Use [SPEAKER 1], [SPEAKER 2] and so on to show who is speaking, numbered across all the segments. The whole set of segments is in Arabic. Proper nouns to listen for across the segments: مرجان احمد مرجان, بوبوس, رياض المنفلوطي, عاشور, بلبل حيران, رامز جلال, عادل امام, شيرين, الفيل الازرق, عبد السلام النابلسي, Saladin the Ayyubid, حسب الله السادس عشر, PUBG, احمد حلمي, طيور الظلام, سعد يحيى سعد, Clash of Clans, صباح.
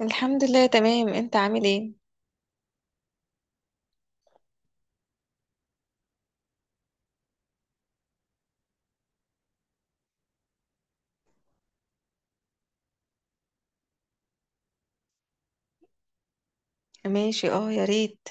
[SPEAKER 1] الحمد لله تمام. انت عامل ايه؟ ماشي. اه، يا ريت.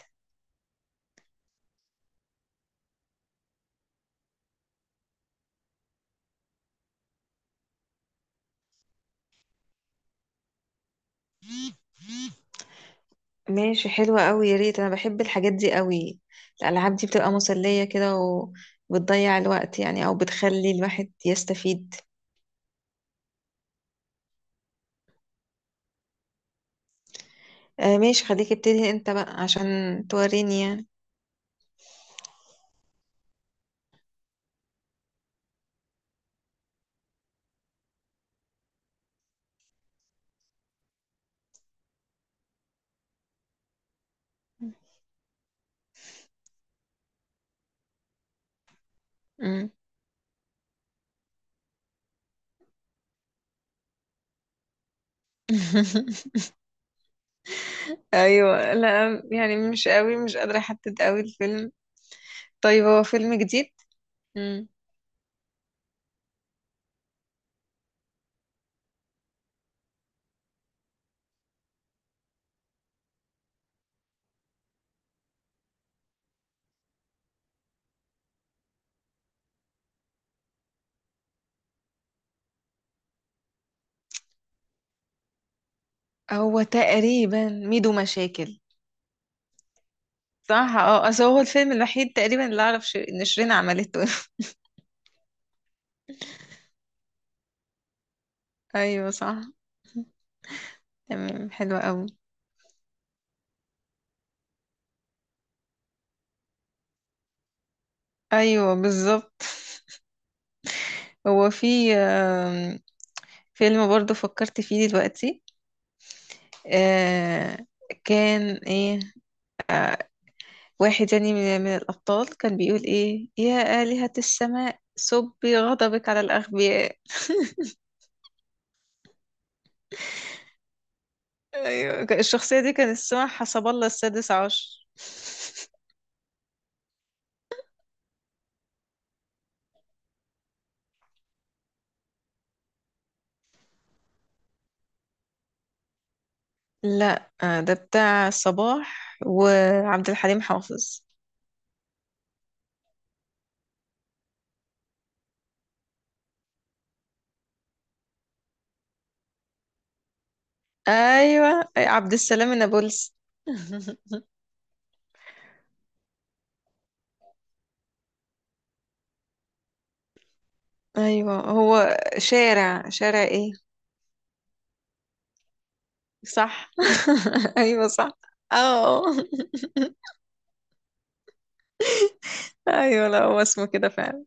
[SPEAKER 1] ماشي، حلوة قوي. يا ريت، انا بحب الحاجات دي قوي. الالعاب دي بتبقى مسلية كده، وبتضيع الوقت يعني او بتخلي الواحد يستفيد. آه، ماشي. خليك ابتدي انت بقى عشان توريني يعني. مم. ايوه، لا يعني مش قوي، مش قادرة احدد قوي الفيلم. طيب، هو فيلم جديد؟ مم. هو تقريبا ميدو مشاكل. صح. اه، اصل هو الفيلم الوحيد تقريبا اللي اعرف ان شيرين عملته. ايوه صح. تمام، حلوة قوي. ايوه بالظبط. هو في فيلم برضو فكرت فيه دلوقتي. آه، كان ايه. واحد يعني من الابطال كان بيقول ايه: يا آلهة السماء، صبي غضبك على الاغبياء. ايوه، الشخصية دي كان اسمها حسب الله السادس عشر. لا، ده بتاع صباح وعبد الحليم حافظ. ايوه، عبد السلام النابلسي. ايوه، هو شارع شارع ايه؟ صح. ايوه صح. اه، ايوه. لا، هو اسمه كده فعلا.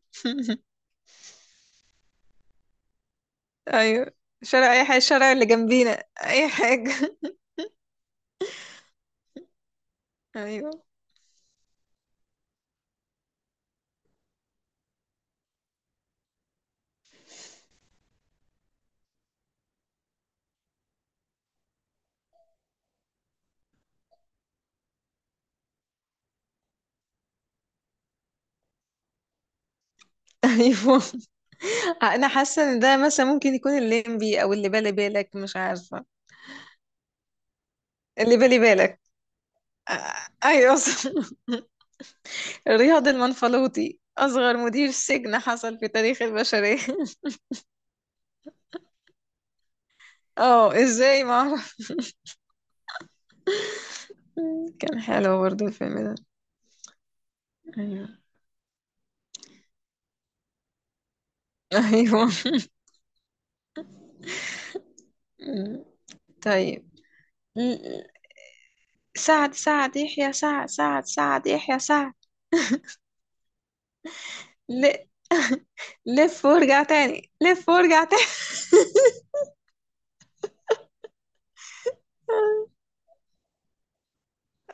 [SPEAKER 1] ايوه، شارع اي حاجه، الشارع اللي جنبينا، اي حاجه. ايوه، ايوه. انا حاسه ان ده مثلا ممكن يكون الليمبي او اللي بالي بالك، مش عارفه. اللي بالي بالك. ايوه صح. رياض المنفلوطي، اصغر مدير سجن حصل في تاريخ البشريه. اه، ازاي ما اعرف. كان حلو برضو الفيلم ده. ايوه. أيوة. مم. طيب. مم. سعد سعد يحيى سعد سعد سعد يحيى سعد. ل... لف وارجع تاني، لف وارجع تاني.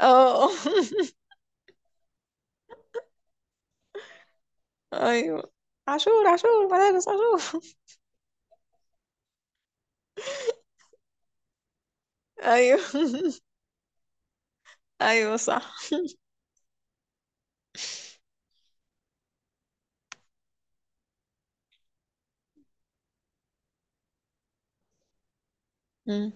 [SPEAKER 1] اه، ايوه. عاشور عاشور مدارس عاشور. ايوه. ايوه صح. مم.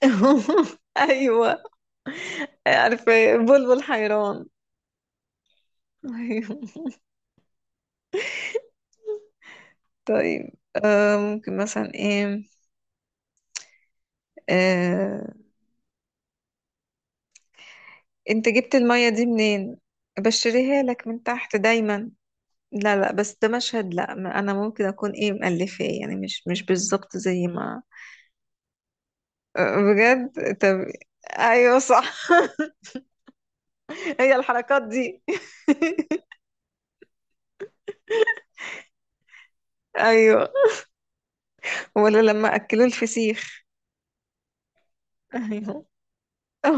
[SPEAKER 1] ايوه، عارفه بلبل حيران. ايوه. طيب. ممكن مثلا ايه. آه انت جبت المية دي منين؟ بشريها لك من تحت دايما. لا، لا، بس ده مشهد. لا، انا ممكن اكون ايه مؤلفاه يعني، مش بالظبط زي ما. بجد؟ طب. ايوه صح. هي الحركات دي. ايوه. ولا لما اكلوا الفسيخ. ايوه.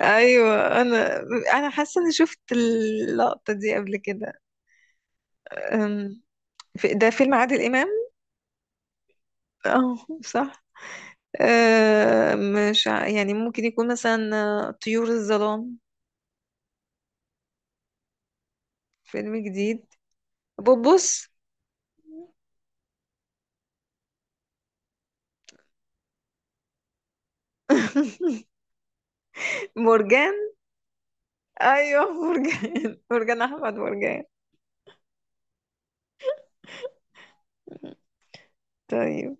[SPEAKER 1] ايوه، انا حاسه اني شفت اللقطه دي قبل كده. أم، ده فيلم عادل امام. اه، صح. مش يعني ممكن يكون مثلا طيور الظلام. فيلم جديد؟ بوبوس. مرجان. ايوه، مرجان. مرجان احمد مرجان. طيب.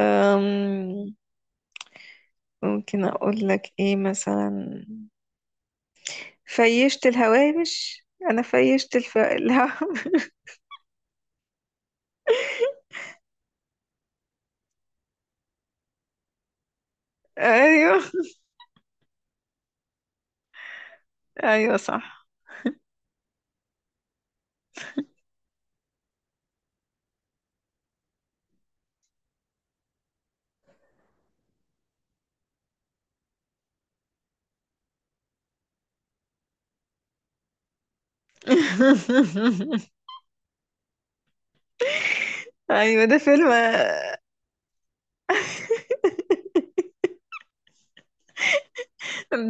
[SPEAKER 1] أم... ممكن اقول لك ايه مثلا: فيشت الهوامش. انا فيشت الهوامش. ايوه. ايوه صح. ايوه. ده فيلم.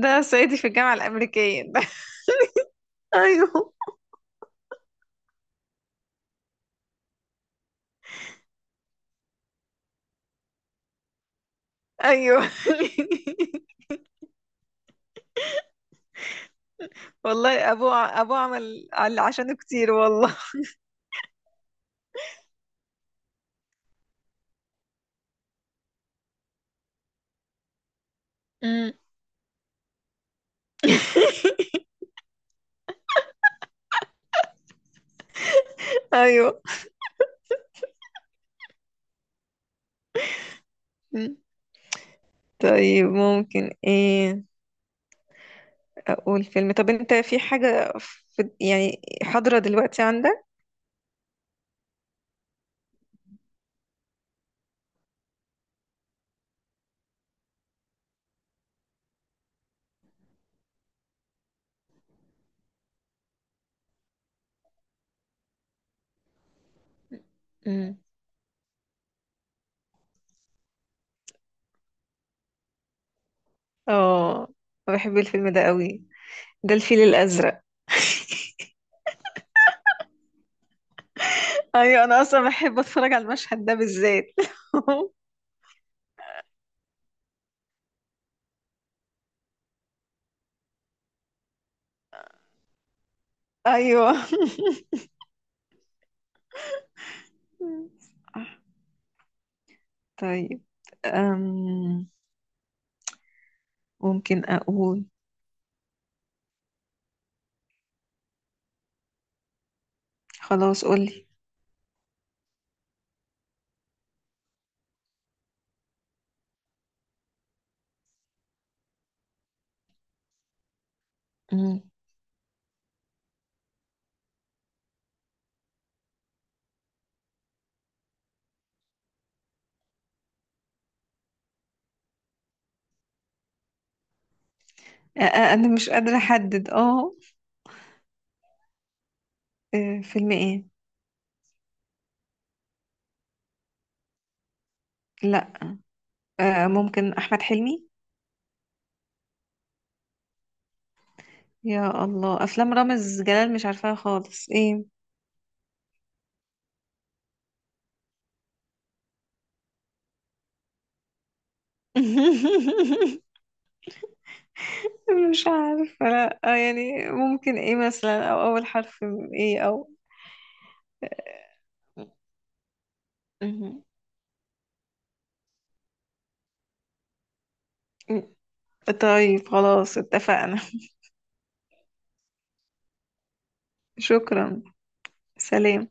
[SPEAKER 1] ده صعيدي في الجامعه الامريكيه ده. ايوه. ايوه. والله ابوه عمل عشانه كتير والله. أمم، ايوه. طيب، ممكن ايه. اقول فيلم. طب انت في حاجة، في يعني حاضرة دلوقتي عندك؟ امم. اه، بحب الفيلم ده قوي. ده الفيل الازرق. ايوه، انا اصلا بحب اتفرج على المشهد ده بالذات. ايوه. طيب. أم ممكن اقول. خلاص، قولي. أم، انا مش قادرة احدد. اه، فيلم ايه؟ لا، ممكن احمد حلمي. يا الله، افلام رامز جلال مش عارفاها خالص. ايه. مش عارفة. لا، يعني ممكن ايه مثلا، او اول حرف من ايه، او. مهم. طيب، خلاص اتفقنا. شكرا. سلام.